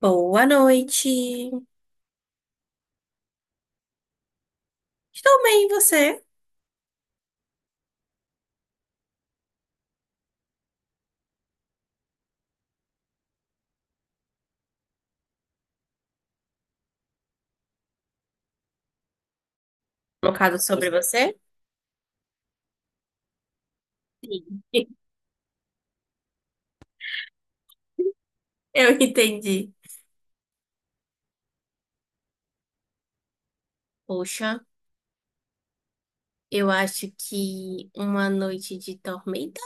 Boa noite. Estou bem, e você? Colocado sobre você? Sim. Eu entendi. Poxa, eu acho que Uma Noite de Tormenta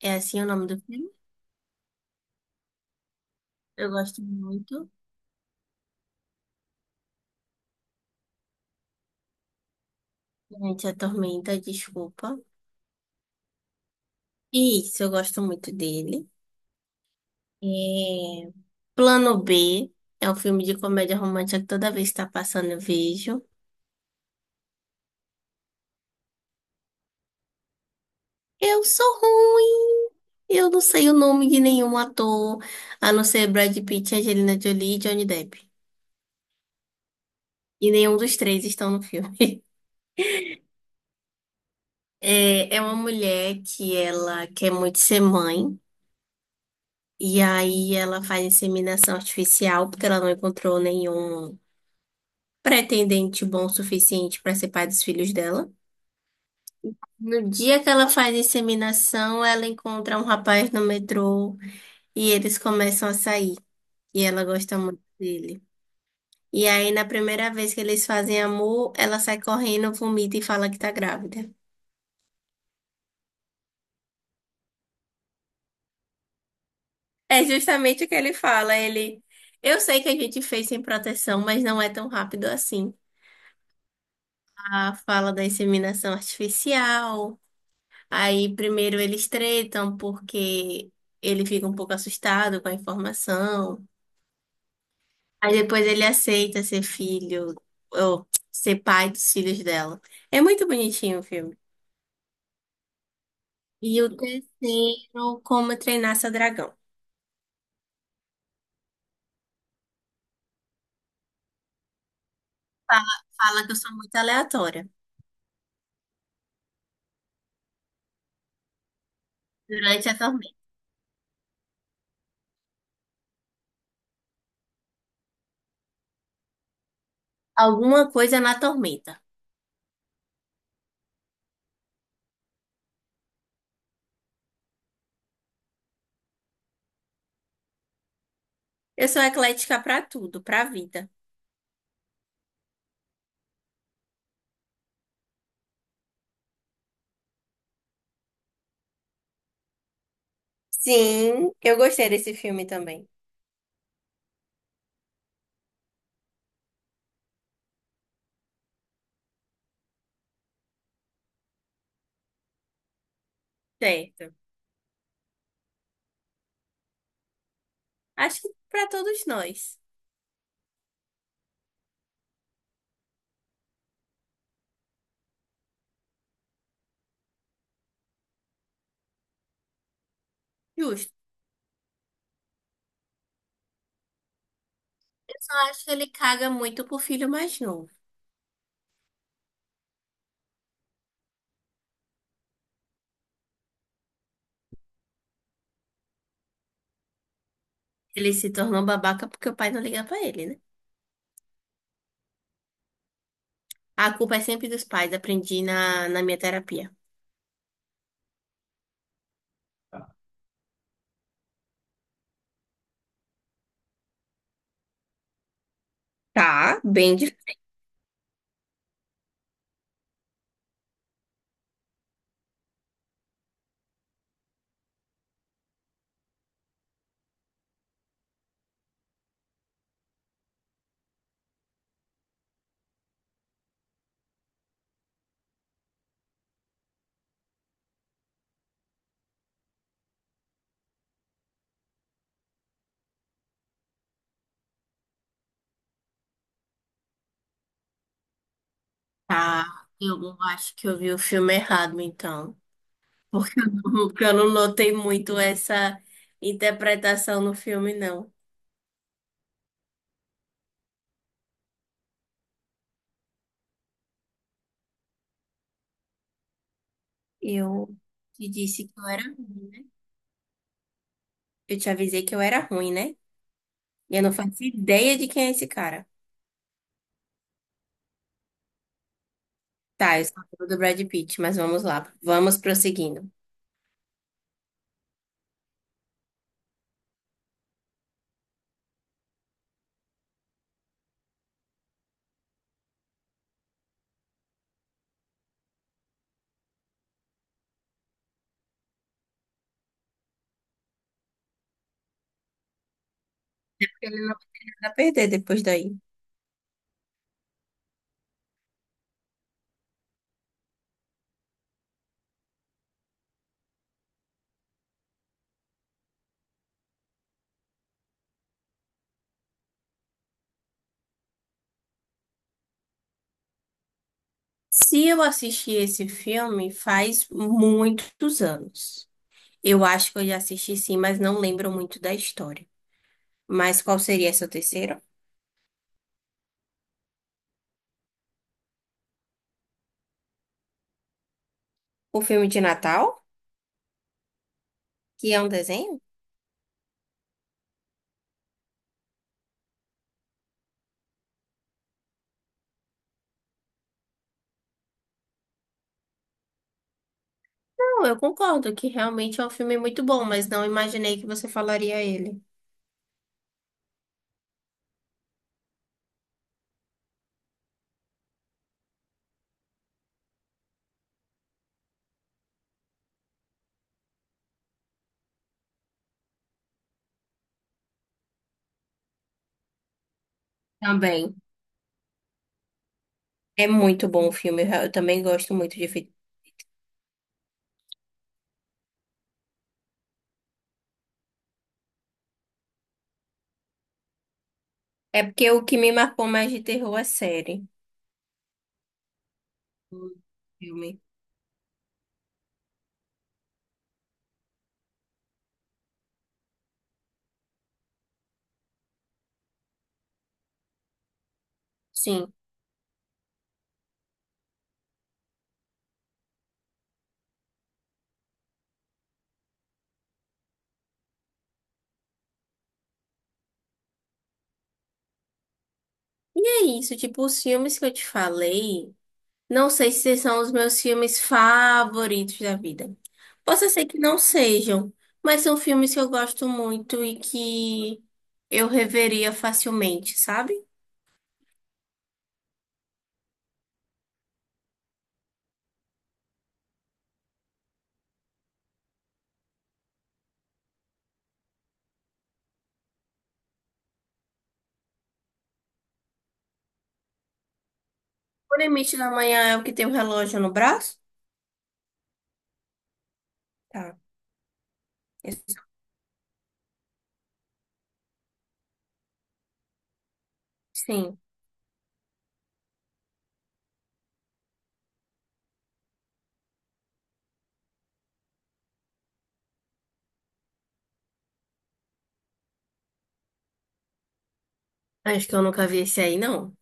é assim o nome do filme. Eu gosto muito. Gente, a Tormenta, desculpa. Isso, eu gosto muito dele. É... Plano B é um filme de comédia romântica que toda vez que está passando eu vejo. Eu sou ruim. Eu não sei o nome de nenhum ator, a não ser Brad Pitt, Angelina Jolie e Johnny Depp. E nenhum dos três estão no filme. É uma mulher que ela quer muito ser mãe. E aí ela faz inseminação artificial porque ela não encontrou nenhum pretendente bom o suficiente para ser pai dos filhos dela. No dia que ela faz a inseminação, ela encontra um rapaz no metrô e eles começam a sair. E ela gosta muito dele. E aí, na primeira vez que eles fazem amor, ela sai correndo, vomita e fala que tá grávida. É justamente o que ele fala. Ele, eu sei que a gente fez sem proteção, mas não é tão rápido assim. A fala da inseminação artificial. Aí, primeiro eles tretam porque ele fica um pouco assustado com a informação. Aí depois ele aceita ser filho, ou ser pai dos filhos dela. É muito bonitinho o filme. E o terceiro, Como Treinar Seu Dragão. Fala que eu sou muito aleatória durante a tormenta. Alguma coisa na tormenta. Eu sou eclética pra tudo, pra vida. Sim, eu gostei desse filme também. Certo. Acho que pra todos nós. Justo. Eu só acho que ele caga muito pro filho mais novo. Ele se tornou babaca porque o pai não liga pra ele, né? A culpa é sempre dos pais, aprendi na minha terapia. Tá, bem difícil. Tá, eu acho que eu vi o filme errado, então. Porque eu não, porque eu não notei muito essa interpretação no filme, não. Eu te disse que eu era ruim, né? Eu te avisei que eu era ruim, né? E eu não faço ideia de quem é esse cara. Tá, eu sou amigo do Brad Pitt, mas vamos lá. Vamos prosseguindo. Ele não vai perder depois daí. Se eu assisti esse filme faz muitos anos. Eu acho que eu já assisti sim, mas não lembro muito da história. Mas qual seria seu terceiro? O filme de Natal, que é um desenho? Não, eu concordo que realmente é um filme muito bom, mas não imaginei que você falaria ele. Também. É muito bom o filme, eu também gosto muito de filme. É porque o que me marcou mais de terror é série. Hum, Filme. Sim. E é isso, tipo, os filmes que eu te falei, não sei se são os meus filmes favoritos da vida. Posso ser que não sejam, mas são filmes que eu gosto muito e que eu reveria facilmente, sabe? O Limite da Manhã é o que tem o relógio no braço? Tá. Esse- Sim. Acho que eu nunca vi esse aí, não.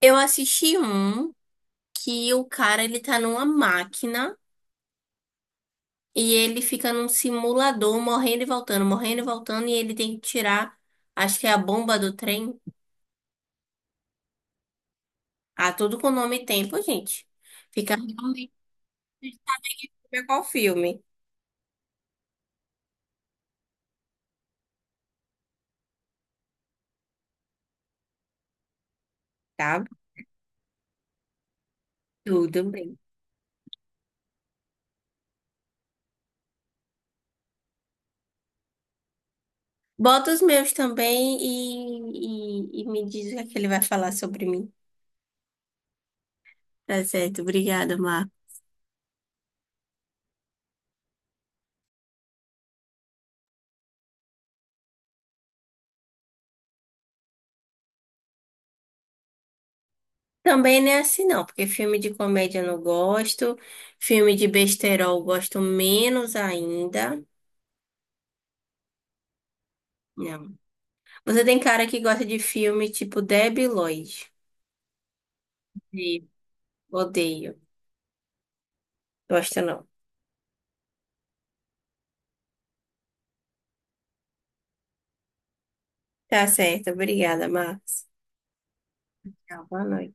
Eu assisti um que o cara ele tá numa máquina e ele fica num simulador morrendo e voltando, e ele tem que tirar, acho que é a bomba do trem. Ah, tudo com nome e tempo, gente. Fica realmente difícil ver qual filme, tá? Tudo bem. Bota os meus também e me diz o que é que ele vai falar sobre mim. Tá certo, obrigada, Marcos. Também não é assim, não, porque filme de comédia eu não gosto, filme de besterol eu gosto menos ainda. Não. Você tem cara que gosta de filme tipo Debi Lloyd. Sim. Odeio. Gosto não. Tá certo, obrigada, Marcos. Tchau, boa noite.